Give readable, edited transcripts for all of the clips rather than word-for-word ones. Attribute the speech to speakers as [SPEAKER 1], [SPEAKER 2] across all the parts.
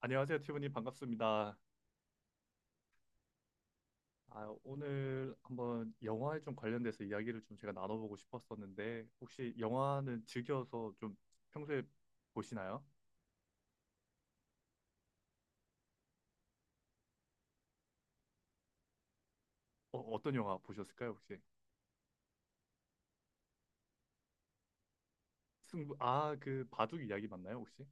[SPEAKER 1] 안녕하세요, 티브님 반갑습니다. 아, 오늘 한번 영화에 좀 관련돼서 이야기를 좀 제가 나눠보고 싶었었는데 혹시 영화는 즐겨서 좀 평소에 보시나요? 어, 어떤 영화 보셨을까요, 혹시? 승부, 아, 그 바둑 이야기 맞나요, 혹시?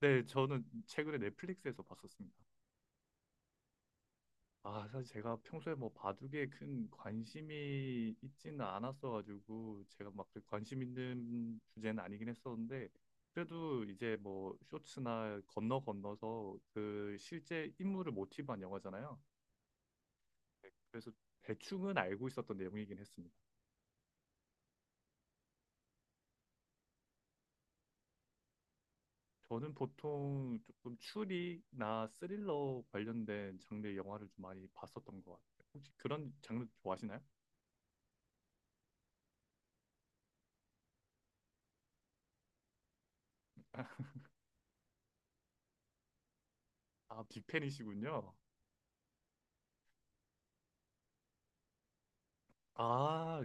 [SPEAKER 1] 네, 저는 최근에 넷플릭스에서 봤었습니다. 아, 사실 제가 평소에 뭐 바둑에 큰 관심이 있지는 않았어가지고 제가 막그 관심 있는 주제는 아니긴 했었는데 그래도 이제 뭐 쇼츠나 건너 건너서 그 실제 인물을 모티브한 영화잖아요. 네, 그래서 대충은 알고 있었던 내용이긴 했습니다. 저는 보통 조금 추리나 스릴러 관련된 장르의 영화를 좀 많이 봤었던 것 같아요. 혹시 그런 장르 좋아하시나요? 아, 빅팬이시군요. 아,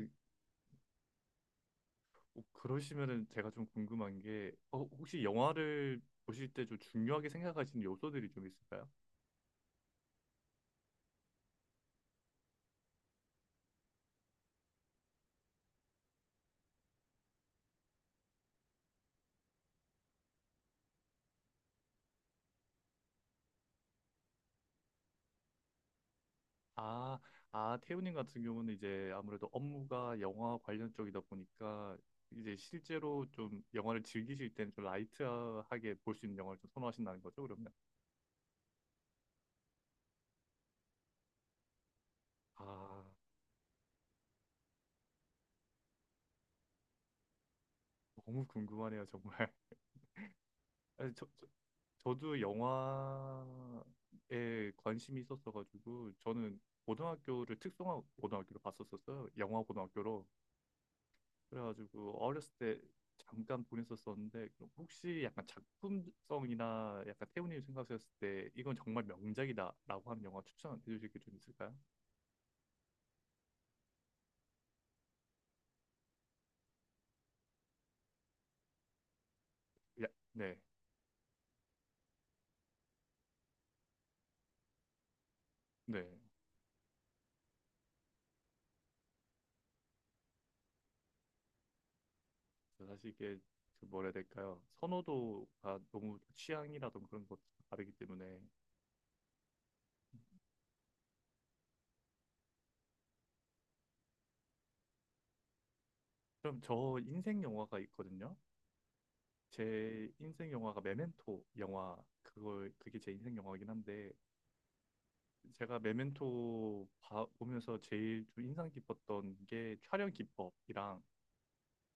[SPEAKER 1] 어, 그러시면은 제가 좀 궁금한 게, 어, 혹시 영화를 보실 때 좀 중요하게 생각하시는 요소들이 좀 있을까요? 아, 태우님 같은 경우는 이제 아무래도 업무가 영화 관련 쪽이다 보니까 이제 실제로 좀 영화를 즐기실 때는 좀 라이트하게 볼 수 있는 영화를 좀 선호하신다는 거죠, 그러면? 아, 너무 궁금하네요, 정말. 아니, 저도 영화에 관심이 있었어가지고 저는 고등학교를 특성화 고등학교로 갔었었어요. 영화 고등학교로. 그래가지고 어렸을 때 잠깐 보냈었었는데 그럼 혹시 약간 작품성이나 약간 태훈님 생각하셨을 때 이건 정말 명작이다라고 하는 영화 추천해 주실 게 좀 있을까요? 야, 네, 네. 저 사실 이게 그 뭐라 해야 될까요? 선호도가 너무 취향이라든 그런 것도 다르기 때문에 그럼 저 인생 영화가 있거든요. 제 인생 영화가 메멘토 영화 그걸 그게 제 인생 영화긴 한데 제가 보면서 제일 좀 인상 깊었던 게 촬영 기법이랑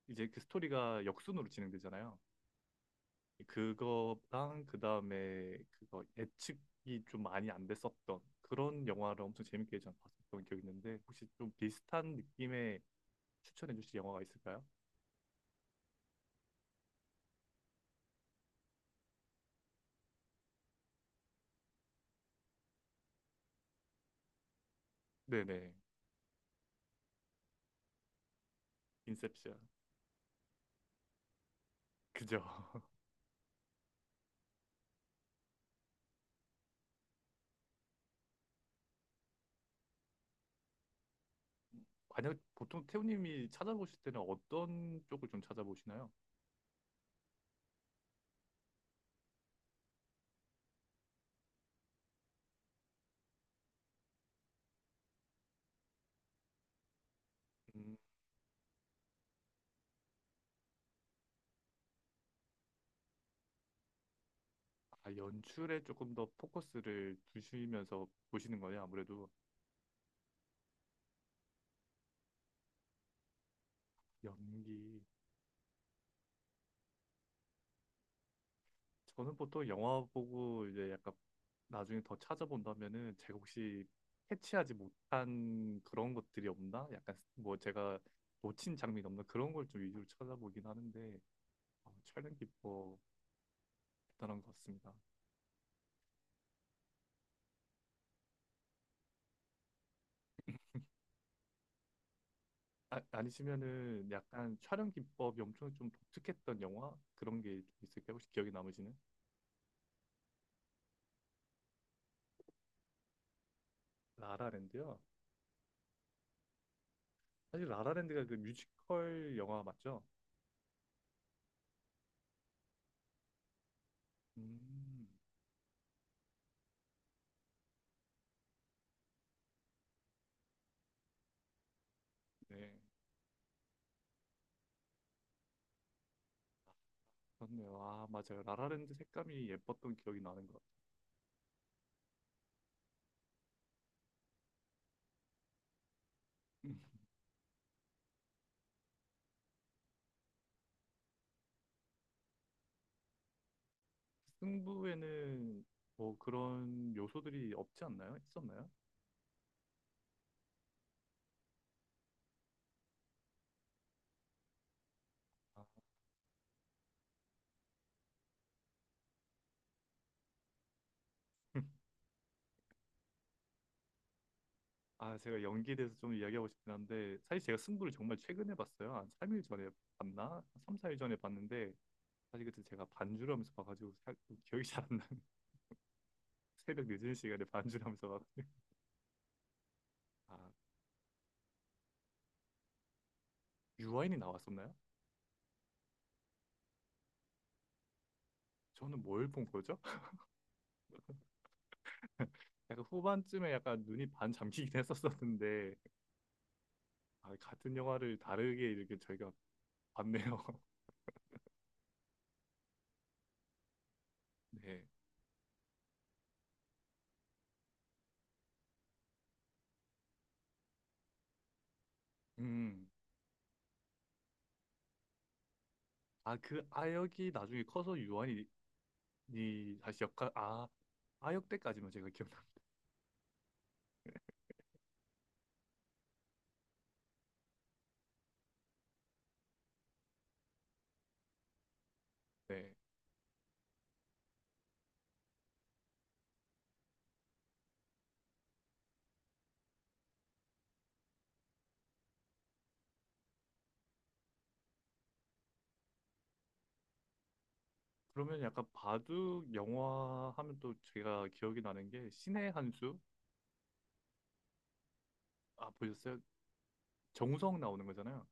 [SPEAKER 1] 이제 그 스토리가 역순으로 진행되잖아요. 그거랑 그다음에 그거 예측이 좀 많이 안 됐었던 그런 영화를 엄청 재밌게 전 봤었던 기억이 있는데 혹시 좀 비슷한 느낌의 추천해 주실 영화가 있을까요? 네네. 인셉션. 그죠. 만약 보통 태우님이 찾아보실 때는 어떤 쪽을 좀 찾아보시나요? 아, 연출에 조금 더 포커스를 두시면서 보시는 거냐, 아무래도 연기. 저는 보통 영화 보고 이제 약간 나중에 더 찾아본다면은 제가 혹시 캐치하지 못한 그런 것들이 없나? 약간 뭐 제가 놓친 장면이 없나? 그런 걸 좀 위주로 찾아보긴 하는데 아, 촬영 기법 대단한 것 같습니다. 아, 아니시면은 약간 촬영 기법이 엄청 좀 독특했던 영화? 그런 게 있을까요? 혹시 기억에 남으시는? 라라랜드요? 사실 라라랜드가 그 뮤지컬 영화 맞죠? 음, 네, 그렇네요. 아, 맞아요. 라라랜드 색감이 예뻤던 기억이 나는 것 같아요. 음. 승부에는 뭐 그런 요소들이 없지 않나요? 있었나요? 아, 아, 제가 연기에 대해서 좀 이야기하고 싶긴 한데 사실 제가 승부를 정말 최근에 봤어요. 한 3일 전에 봤나? 3, 4일 전에 봤는데 사실 그때 제가 반주를 하면서 봐가지고 기억이 잘 안 나는 새벽 늦은 시간에 반주를 하면서 봐가지고 아, 유아인이 나왔었나요? 저는 뭘 본 거죠? 약간 후반쯤에 약간 눈이 반 잠기긴 했었었는데 아, 같은 영화를 다르게 이렇게 저희가 봤네요. 네. 음. 아, 그 아역이 나중에 커서 유한이 이 다시 역할 아 아역 때까지만 제가 기억나는데 그러면 약간 바둑 영화 하면 또 제가 기억이 나는 게 신의 한 수? 아, 보셨어요? 정우성 나오는 거잖아요.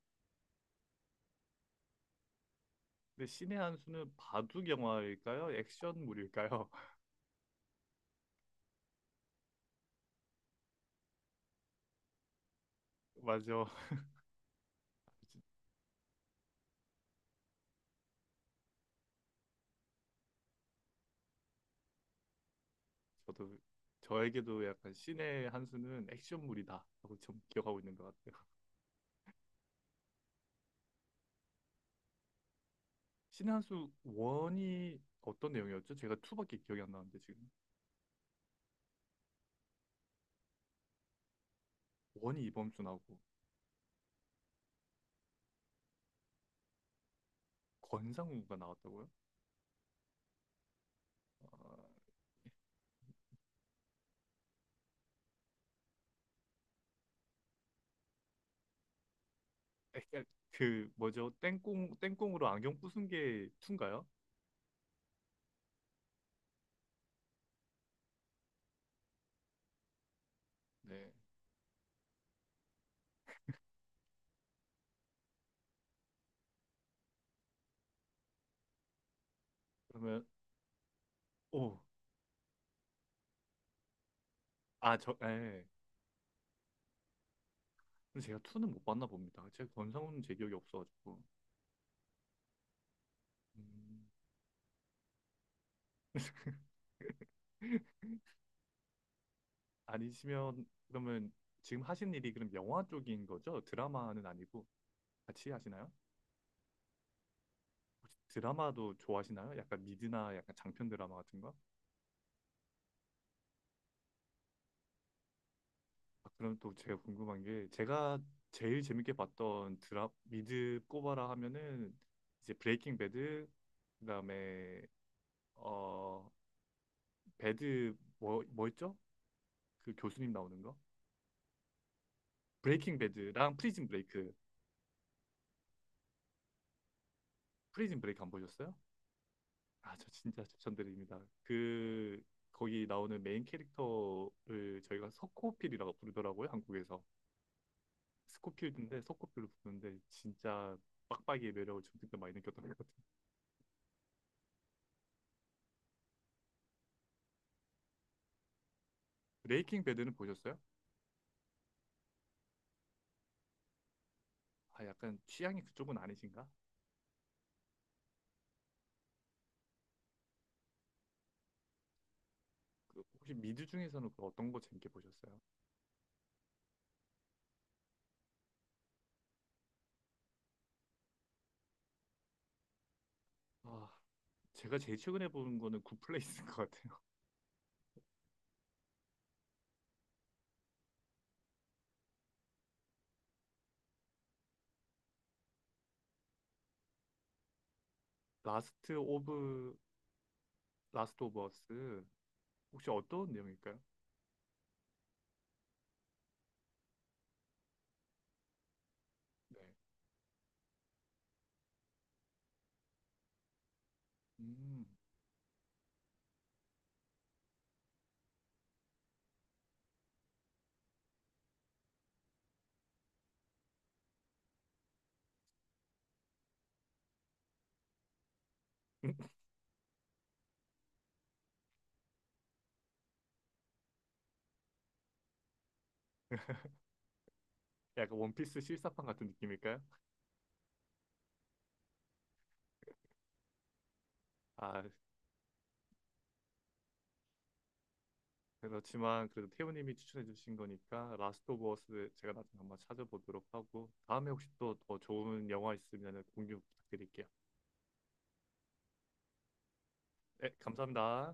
[SPEAKER 1] 근데 신의 한 수는 바둑 영화일까요? 액션물일까요? 맞아. 저도 저에게도 약간 신의 한 수는 액션물이다 라고 좀 기억하고 있는 것 같아요. 신의 한수 원이 어떤 내용이었죠? 제가 투밖에 기억이 안 나는데 지금 원이 이범주 나오고 권상우가 나왔다고요? 어, 약간 그 뭐죠? 땡꽁 땡꽁으로 안경 부순 게투인가요 네. 그러면 오, 아, 저, 예. 근데 제가 투는못 봤나 봅니다. 제가 권상우는 제 기억이 없어가지고. 음, 아니시면 그러면 지금 하신 일이 그럼 영화 쪽인 거죠? 드라마는 아니고. 같이 하시나요? 혹시 드라마도 좋아하시나요? 약간 미드나 약간 장편 드라마 같은 거? 아, 그럼 또 제가 궁금한 게 제가 제일 재밌게 봤던 드라 미드 꼽아라 하면은 이제 브레이킹 배드 그다음에 어 배드 뭐 뭐였죠? 그 교수님 나오는 거? 브레이킹 배드랑 프리즌 브레이크. 프리즌 브레이크 안 보셨어요? 아, 저 진짜 추천드립니다. 그 거기 나오는 메인 캐릭터를 저희가 석호필이라고 부르더라고요, 한국에서. 스코필드인데 서코필로 부는데 진짜 빡빡이의 매력을 좀 더 많이 느꼈던 것 같아요. 브레이킹 배드는 보셨어요? 아 약간 취향이 그쪽은 아니신가? 그 혹시 미드 중에서는 그 어떤 거 재밌게 보셨어요? 아 제가 제일 최근에 본 거는 굿플레이스인 것 같아요. 라스트 오브 라스트 오브 어스 혹시 어떤 내용일까요? 네. 음. 약간 원피스 실사판 같은 느낌일까요? 아 그렇지만 그래도 태우님이 추천해 주신 거니까 라스트 오브 어스 제가 나중에 한번 찾아보도록 하고 다음에 혹시 또 더 좋은 영화 있으면 공유 부탁드릴게요. 네, 감사합니다.